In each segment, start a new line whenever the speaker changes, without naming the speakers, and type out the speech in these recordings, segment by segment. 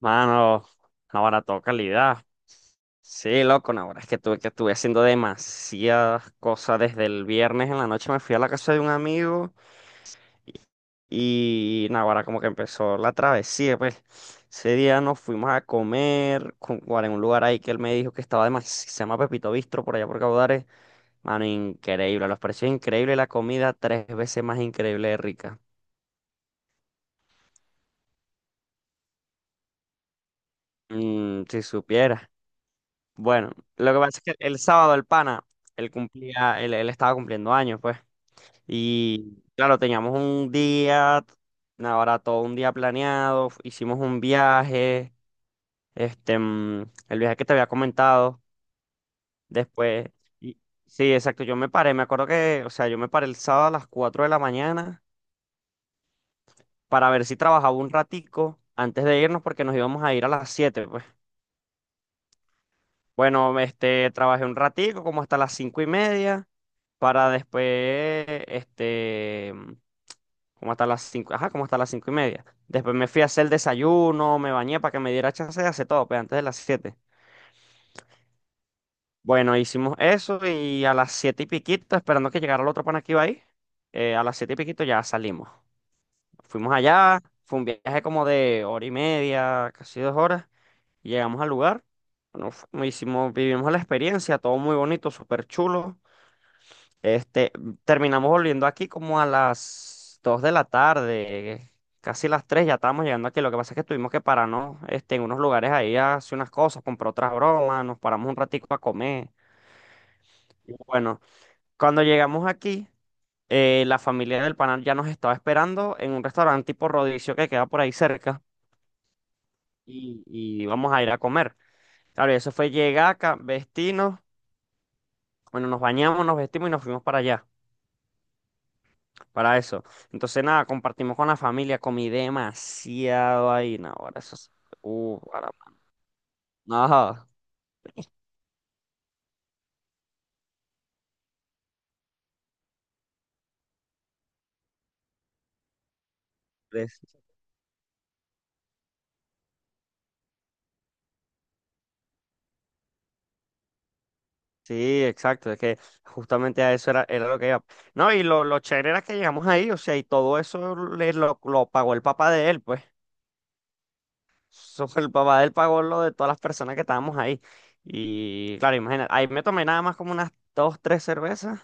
Mano, ahora toda calidad. Sí, loco, no, ahora es que tuve que estuve haciendo demasiadas cosas desde el viernes en la noche. Me fui a la casa de un amigo y, y no, ahora como que empezó la travesía, pues. Ese día nos fuimos a comer en un lugar ahí que él me dijo que estaba demasiado, se llama Pepito Bistro por allá por Caudares. Mano, increíble, los precios increíbles, la comida tres veces más increíble de rica. Mm, si supieras. Bueno, lo que pasa es que el sábado el pana, él estaba cumpliendo años, pues. Y claro, teníamos un día, ahora todo un día planeado, hicimos un viaje, este, mm, el viaje que te había comentado, después, y- sí, exacto, yo me paré, me acuerdo que, o sea, yo me paré el sábado a las 4 de la mañana para ver si trabajaba un ratico antes de irnos porque nos íbamos a ir a las 7. Bueno, trabajé un ratico, como hasta las 5:30, para después, este, mm, como hasta las cinco, ajá, como hasta las 5:30. Después me fui a hacer el desayuno, me bañé para que me diera chance de hacer todo, pues antes de las siete. Bueno, hicimos eso y a las siete y piquito, esperando que llegara el otro pana que iba ahí, a las siete y piquito ya salimos. Fuimos allá, fue un viaje como de hora y media, casi 2 horas, y llegamos al lugar. Bueno, vivimos la experiencia, todo muy bonito, súper chulo. Este, terminamos volviendo aquí como a las 2 de la tarde, casi las 3 ya estábamos llegando aquí. Lo que pasa es que tuvimos que pararnos, en unos lugares ahí a hacer unas cosas, comprar otras bromas, nos paramos un ratico a comer. Y bueno, cuando llegamos aquí, la familia del panal ya nos estaba esperando en un restaurante tipo Rodicio que queda por ahí cerca y vamos a ir a comer. Claro, y eso fue llegar acá, vestirnos, bueno, nos bañamos, nos vestimos y nos fuimos para allá. Para eso. Entonces, nada, compartimos con la familia, comí demasiado ahí, no, ahora eso es. Para. No, es- sí, exacto, es que justamente a eso era lo que iba. No, y lo chévere era que llegamos ahí, o sea, y todo eso lo pagó el papá de él, pues. So, el papá de él pagó lo de todas las personas que estábamos ahí. Y claro, imagínate, ahí me tomé nada más como unas dos, tres cervezas.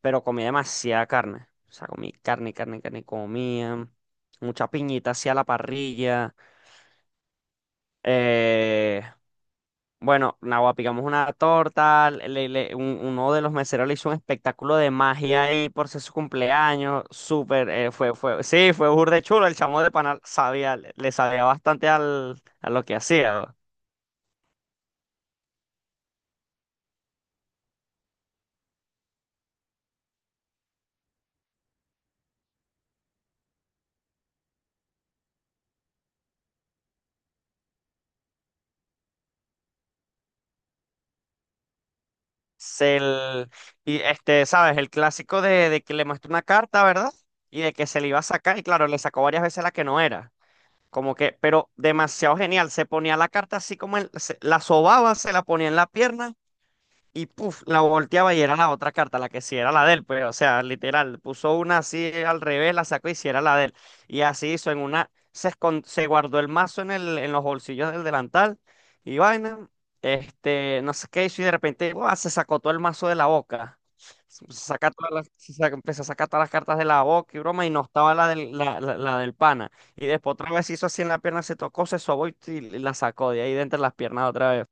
Pero comí demasiada carne. O sea, comí carne, carne, carne, comía. Mucha piñita hacia la parrilla. Eh, bueno, nada, picamos una torta. Uno de los meseros le hizo un espectáculo de magia ahí por ser su cumpleaños. Súper, sí, fue burde chulo. El chamo de panal sabía, le sabía bastante a lo que hacía, ¿no? Se l- y este, sabes, el clásico de que le muestra una carta, ¿verdad? Y de que se le iba a sacar, y claro, le sacó varias veces la que no era. Como que, pero demasiado genial. Se ponía la carta así como él, la sobaba, se la ponía en la pierna y puf, la volteaba y era la otra carta, la que sí era la de él, pues, o sea, literal, puso una así al revés, la sacó y sí era la de él. Y así hizo en una, se guardó el mazo en en los bolsillos del delantal y vaina, no sé qué hizo y de repente, ¡buah! Se sacó todo el mazo de la boca. Se saca todas las- se saca- empezó a sacar todas las cartas de la boca y broma, y no estaba la la del pana. Y después otra vez hizo así en la pierna, se tocó, se sobó y la sacó de ahí de entre las piernas otra vez.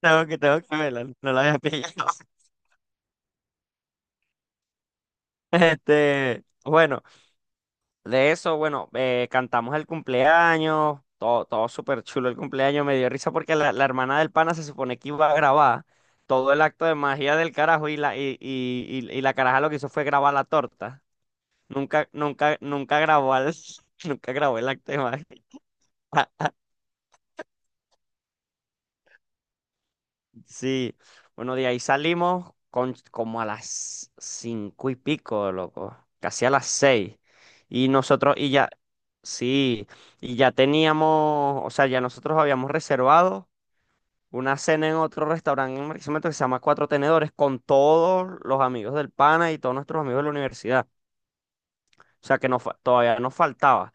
Tengo que verla, no la había pillado. Bueno, de eso, bueno, cantamos el cumpleaños, todo súper chulo el cumpleaños, me dio risa porque la hermana del pana se supone que iba a grabar todo el acto de magia del carajo y la caraja lo que hizo fue grabar la torta. Nunca, nunca, nunca nunca grabó el acto de magia. Sí, bueno, de ahí salimos como a las cinco y pico, loco, casi a las seis. Y nosotros, y ya, sí, y ya teníamos, o sea, ya nosotros habíamos reservado una cena en otro restaurante en Barquisimeto que se llama Cuatro Tenedores con todos los amigos del pana y todos nuestros amigos de la universidad. O sea, que todavía nos faltaba.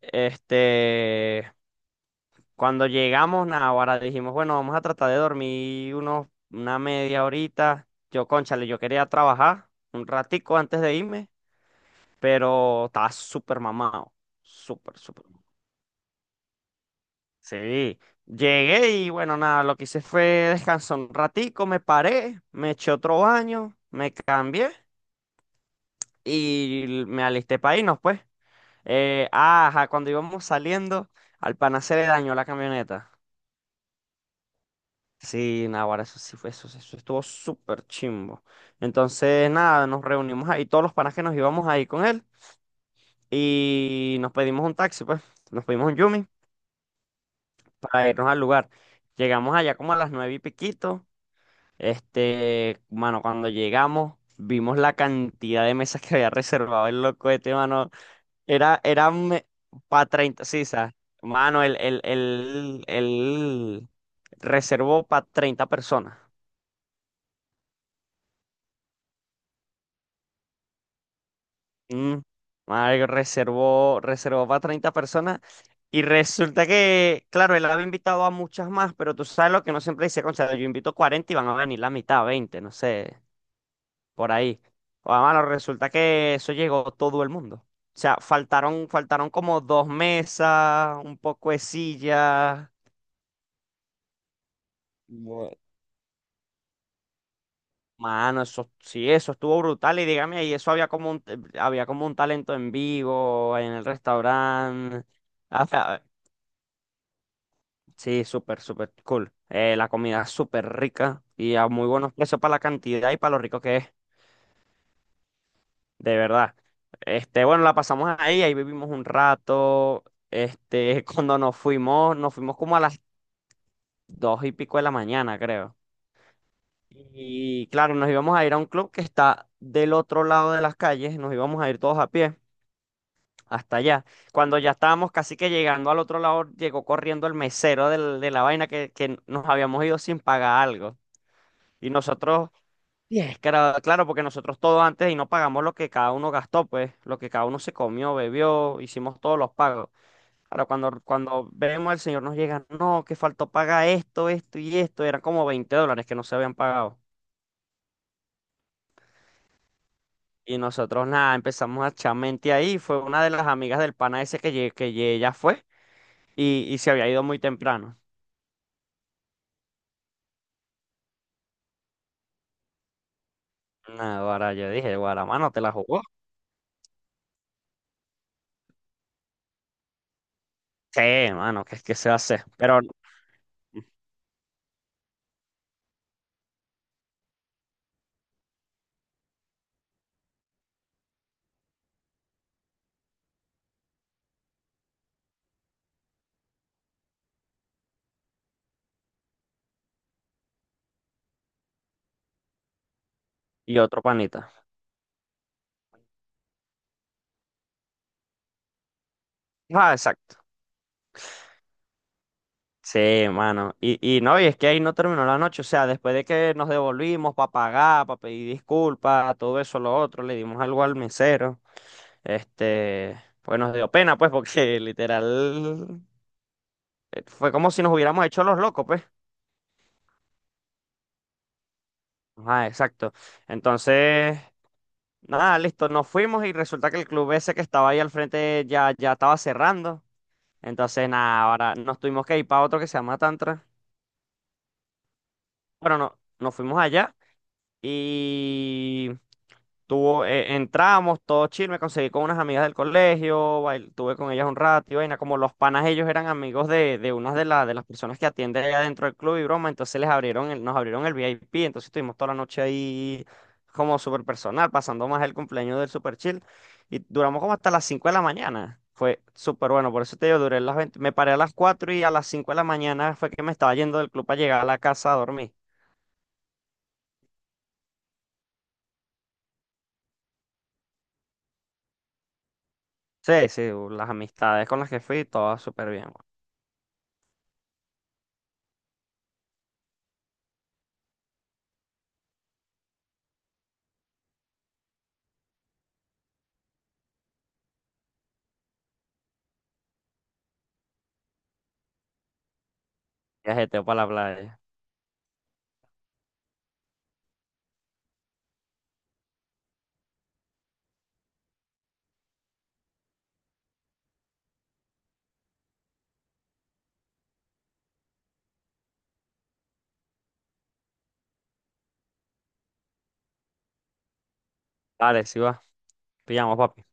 Este, Cuando llegamos, nah, ahora dijimos, bueno, vamos a tratar de dormir una media horita. Cónchale, yo quería trabajar un ratico antes de irme, pero estaba súper mamado. Súper, súper. Sí. Llegué y bueno, nada, lo que hice fue descansar un ratico, me paré, me eché otro baño, me cambié y me alisté para irnos, pues. Ajá, cuando íbamos saliendo, al pana se le dañó la camioneta. Sí, Naguará, eso sí fue, eso estuvo súper chimbo. Entonces, nada, nos reunimos ahí, todos los panas que nos íbamos ahí con él, y nos pedimos un taxi, pues, nos pedimos un Yumi para irnos al lugar. Llegamos allá como a las nueve y piquito. Mano, cuando llegamos, vimos la cantidad de mesas que había reservado el loco este, mano. Era para 30, sí, ¿sabes? Mano, el reservó para 30 personas. Mm, madre, reservó para 30 personas y resulta que, claro, él había invitado a muchas más, pero tú sabes lo que no siempre dice, concha, yo invito 40 y van a venir la mitad, 20 no sé, por ahí. O mano, resulta que eso llegó todo el mundo. O sea, faltaron como dos mesas, un poco de sillas. Bueno, mano, eso sí, eso estuvo brutal. Y dígame, ahí eso había como un talento en vivo en el restaurante. Sí, súper, súper cool. La comida es súper rica y a muy buenos precios para la cantidad y para lo rico que es, de verdad. Bueno, la pasamos ahí, vivimos un rato. Cuando nos fuimos como a las dos y pico de la mañana, creo. Y claro, nos íbamos a ir a un club que está del otro lado de las calles, nos íbamos a ir todos a pie hasta allá. Cuando ya estábamos casi que llegando al otro lado, llegó corriendo el mesero de la vaina que nos habíamos ido sin pagar algo. Y nosotros Y es que era- claro, porque nosotros todo antes y no pagamos lo que cada uno gastó, pues, lo que cada uno se comió, bebió, hicimos todos los pagos. Ahora, cuando vemos al señor nos llega, no, que faltó pagar esto, esto y esto, eran como $20 que no se habían pagado. Y nosotros nada, empezamos a echar mente ahí, fue una de las amigas del pana ese que ella fue y se había ido muy temprano. Nada, ahora yo dije, Guaramano, ¿te la jugó? Sí, mano, ¿qué es que se hace? Pero, y otro panita. Ah, exacto. Sí, mano. Y no, y es que ahí no terminó la noche. O sea, después de que nos devolvimos para pagar, para pedir disculpas, todo eso, lo otro, le dimos algo al mesero. Pues nos dio pena, pues, porque literal fue como si nos hubiéramos hecho los locos, pues. Ah, exacto. Entonces, nada, listo, nos fuimos y resulta que el club ese que estaba ahí al frente ya estaba cerrando. Entonces, nada, ahora nos tuvimos que ir para otro que se llama Tantra. Bueno, no, nos fuimos allá. Y entramos, todo chill, me conseguí con unas amigas del colegio, tuve con ellas un rato y vaina, como los panas ellos eran amigos de unas de las personas que atienden allá dentro del club y broma, entonces nos abrieron el VIP, entonces estuvimos toda la noche ahí como súper personal, pasando más el cumpleaños del super chill y duramos como hasta las 5 de la mañana, fue súper bueno, por eso te digo, duré las 20 me paré a las 4 y a las 5 de la mañana fue que me estaba yendo del club para llegar a la casa a dormir. Sí, sí, las amistades con las que fui, todas súper bien. Viajeteo para la playa. Dale, sí va. Pillamos, papi.